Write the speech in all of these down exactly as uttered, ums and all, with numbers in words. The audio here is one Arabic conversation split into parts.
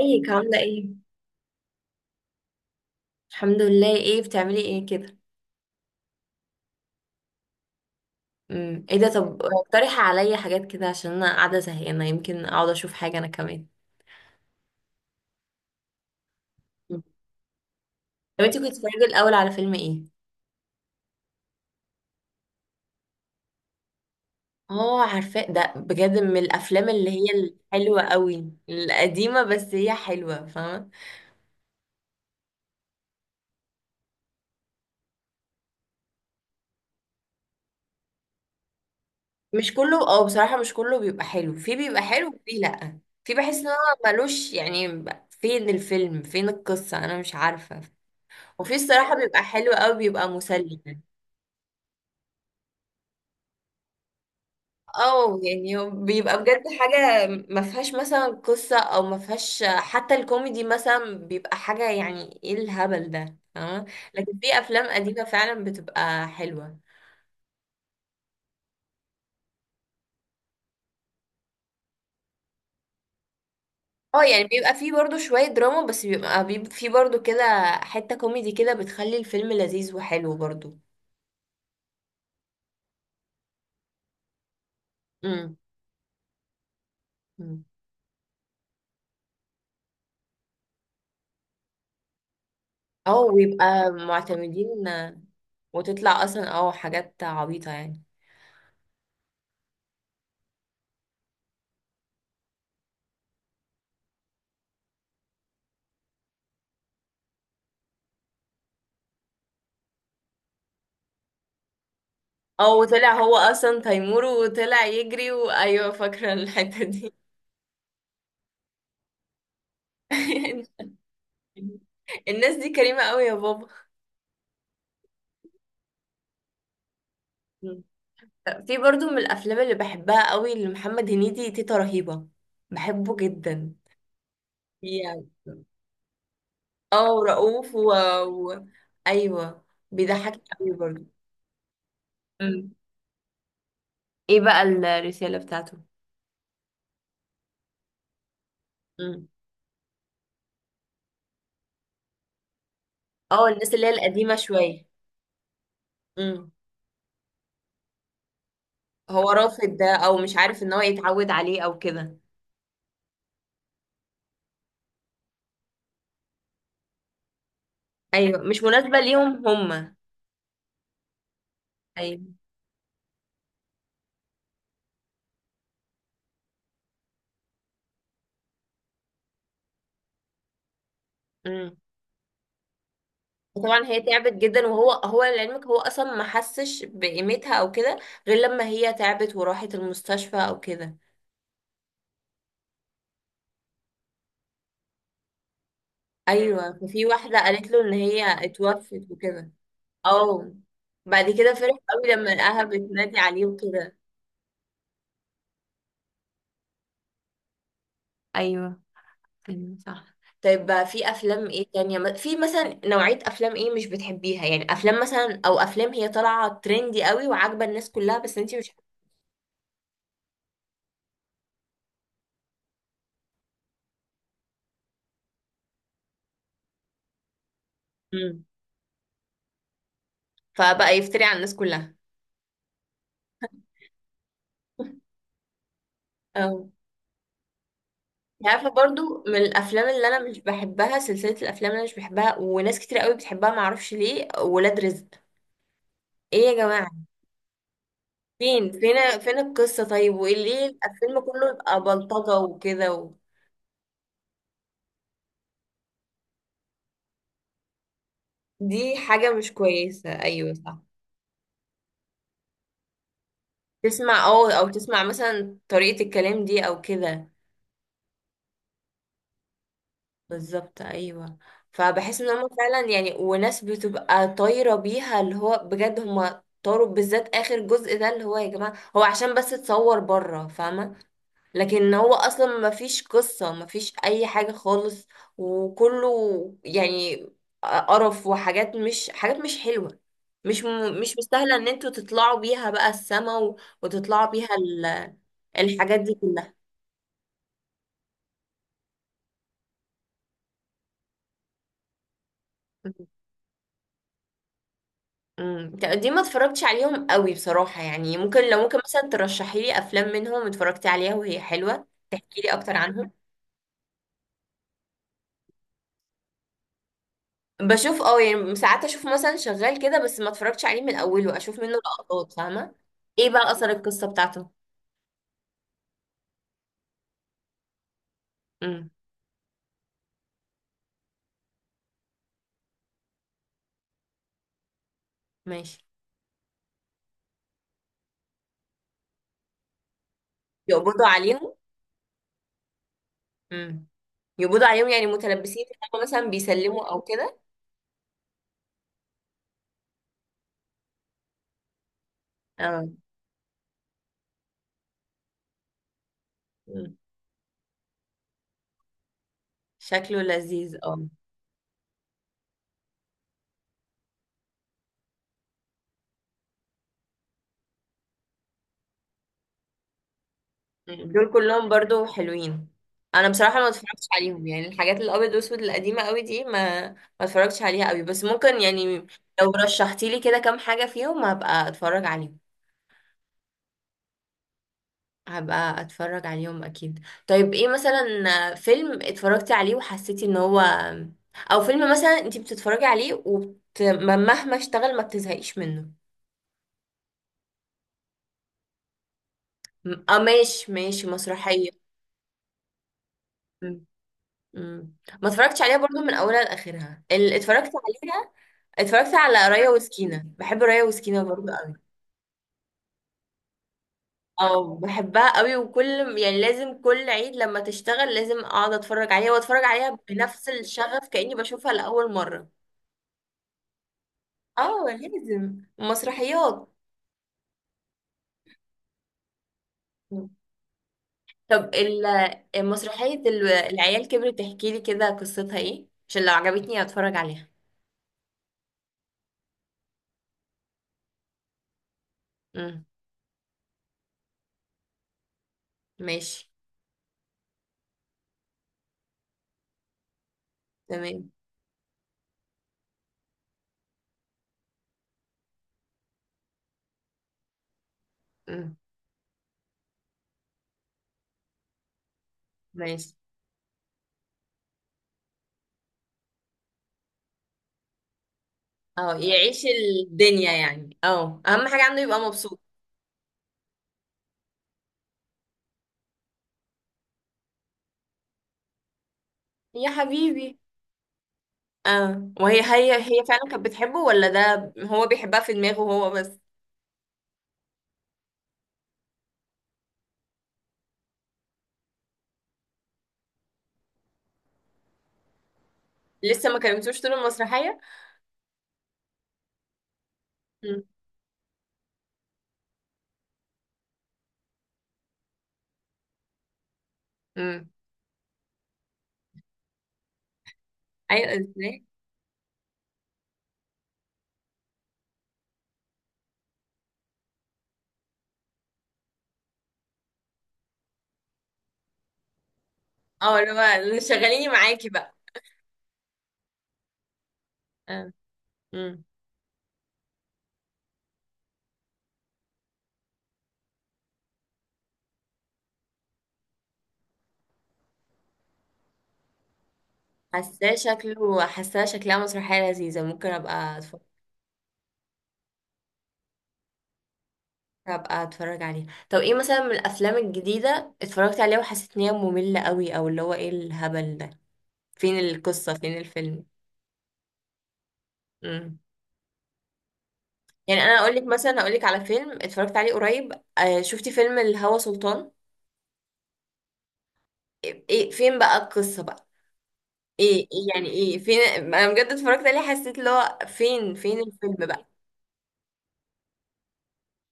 ازيك عاملة ايه؟ الحمد لله. ايه بتعملي ايه كده؟ امم ايه ده؟ طب اقترحي عليا حاجات كده عشان انا قاعدة زهقانة، يمكن اقعد اشوف حاجة انا كمان. مم. طب انتي كنت بتتفرجي الاول على فيلم ايه؟ اه، عارفاه ده، بجد من الافلام اللي هي الحلوة قوي القديمة، بس هي حلوة، فاهمة؟ مش كله. اه بصراحة مش كله بيبقى حلو، في بيبقى حلو وفي لأ، في بحس ان هو ملوش يعني. فين الفيلم فين القصة، انا مش عارفة. وفي الصراحة بيبقى حلو قوي، بيبقى مسلي يعني. اه يعني هو بيبقى بجد حاجة ما فيهاش مثلا قصة او ما فيهاش حتى الكوميدي، مثلا بيبقى حاجة يعني ايه الهبل ده، فاهمة؟ لكن في افلام قديمة فعلا بتبقى حلوة. اه يعني بيبقى فيه برضو شوية دراما، بس بيبقى بيبقى فيه برضو كده حتة كوميدي كده بتخلي الفيلم لذيذ وحلو برضو. امم امم. اه ويبقى معتمدين. وتطلع اصلا اه حاجات عبيطة يعني. اه وطلع هو اصلا تيمور وطلع يجري، وايوه فاكرة الحتة دي. الناس دي كريمة قوي يا بابا. مم. في برضو من الافلام اللي بحبها قوي لمحمد هنيدي، تيتا رهيبة، بحبه جدا يعني. اه ورؤوف و... و... ايوه، بيضحكني قوي برضو. مم. ايه بقى الرسالة بتاعته؟ مم. اه الناس اللي هي القديمة شوية. مم. هو رافض ده او مش عارف ان هو يتعود عليه او كده. ايوه مش مناسبة ليهم هما. ايوه. مم. وطبعا هي تعبت جدا، وهو هو لعلمك هو اصلا ما حسش بقيمتها او كده، غير لما هي تعبت وراحت المستشفى او كده. مم. ايوه ففي واحده قالت له ان هي اتوفت وكده. اه بعد كده فرح قوي لما لقاها بتنادي عليه وكده. ايوه، ايوه صح. طيب بقى في افلام ايه تانية؟ م- في مثلا نوعيه افلام ايه مش بتحبيها يعني؟ افلام مثلا، او افلام هي طالعه ترندي قوي وعاجبه الناس كلها بس انتي مش. مم. فبقى يفتري على الناس. كلها. انت عارفه برضو من الافلام اللي انا مش بحبها، سلسله الافلام اللي انا مش بحبها وناس كتير قوي بتحبها معرفش ليه، ولاد رزق. ايه يا جماعه، فين فين فين القصه؟ طيب، وايه ليه الفيلم كله يبقى بلطجه وكده و... دي حاجه مش كويسه، ايوه صح. تسمع اه او تسمع مثلا طريقه الكلام دي او كده. بالظبط ايوه. فبحس ان هم فعلا يعني، وناس بتبقى طايره بيها اللي هو بجد، هم طاروا بالذات اخر جزء ده، اللي هو يا جماعه هو عشان بس اتصور بره، فاهمه؟ لكن هو اصلا ما فيش قصة، ما فيش اي حاجة خالص. وكله يعني قرف، وحاجات مش حاجات مش حلوة. مش م... مش مستاهلة ان انتوا تطلعوا بيها بقى السما و... وتطلعوا بيها ال... الحاجات دي كلها. امم دي ما اتفرجتش عليهم قوي بصراحة يعني، ممكن لو ممكن مثلا ترشحي لي افلام منهم اتفرجتي عليها وهي حلوة، تحكي لي اكتر عنهم. بشوف اه يعني ساعات اشوف مثلا شغال كده، بس ما اتفرجتش عليه من اوله، اشوف منه لقطات فاهمه. ايه بقى اثر القصه بتاعته؟ امم. ماشي. يقبضوا عليهم. امم. يقبضوا عليهم يعني متلبسين في حاجة مثلا، بيسلموا او كده. اه. مم. شكله لذيذ اه. مم. دول كلهم برضو حلوين. انا بصراحه ما اتفرجتش عليهم يعني الحاجات الابيض واسود القديمه قوي دي، ما ما اتفرجتش عليها قوي بس ممكن يعني، لو رشحتي لي كده كام حاجه فيهم هبقى اتفرج عليهم، هبقى اتفرج عليهم اكيد. طيب ايه مثلا فيلم اتفرجتي عليه وحسيتي ان هو، او فيلم مثلا انتي بتتفرجي عليه وبت... م- مهما اشتغل ما بتزهقيش منه؟ م- اه ماشي ماشي، مسرحية. م- م. ما اتفرجتش عليها برضو من اولها لاخرها اللي اتفرجت عليها. اتفرجت على رايا وسكينة، بحب رايا وسكينة برضو قوي. اه بحبها قوي، وكل يعني لازم كل عيد لما تشتغل لازم اقعد اتفرج عليها واتفرج عليها بنفس الشغف كأني بشوفها لأول مرة. اه لازم مسرحيات. طب ال- مسرحية ال- العيال كبرت، تحكي لي كده قصتها ايه عشان لو عجبتني اتفرج عليها. امم. ماشي. تمام. امم. ماشي. اه يعيش الدنيا يعني، اه اهم حاجة عنده يبقى مبسوط. يا حبيبي. اه، وهي هي هي فعلا كانت بتحبه، ولا ده هو بيحبها في دماغه هو بس؟ لسه ما كلمتوش طول المسرحية. امم. امم. ايوه ازاي. اه اللي هو شغليني معاكي بقى. اه، حاساه شكله حاساه شكلها مسرحية لذيذة، ممكن ابقى اتفرج ابقى اتفرج عليها. طب ايه مثلا من الافلام الجديدة اتفرجت عليها وحسيت ان هي مملة قوي، او اللي هو ايه الهبل ده؟ فين القصة فين الفيلم؟ امم. يعني انا اقول لك مثلا اقول لك على فيلم اتفرجت عليه قريب، آه شفتي فيلم الهوى سلطان؟ ايه إيه- فين بقى القصة بقى؟ ايه إيه يعني، ايه فين؟ انا بجد اتفرجت عليه حسيت اللي هو فين فين الفيلم بقى.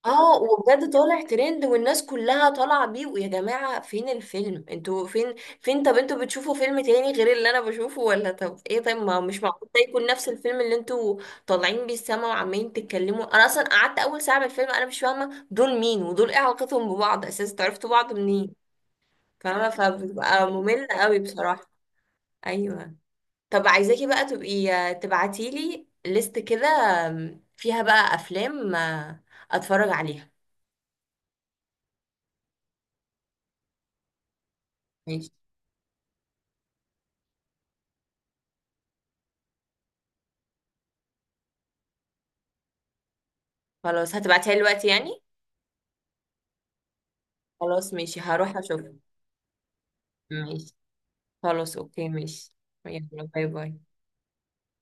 اه، وبجد طالع ترند والناس كلها طالعه بيه، ويا جماعه فين الفيلم؟ انتوا فين؟ فين؟ طب انتوا بتشوفوا فيلم تاني غير اللي انا بشوفه ولا؟ طب ايه؟ طيب ما هو مش معقول ده يكون نفس الفيلم اللي انتوا طالعين بيه السما وعمالين تتكلموا. انا اصلا قعدت اول ساعه من الفيلم انا مش فاهمه دول مين ودول ايه علاقتهم ببعض اساسا، تعرفتوا بعض منين؟ فاهمه؟ فبتبقى ممله قوي بصراحه. ايوه. طب عايزاكي بقى تبقي تبعتيلي ليست كده فيها بقى افلام اتفرج عليها. ماشي. خلاص هتبعتيها لي دلوقتي يعني. خلاص ماشي هروح اشوف. ماشي. خلاص. اوكي. ماشي. يلا باي باي.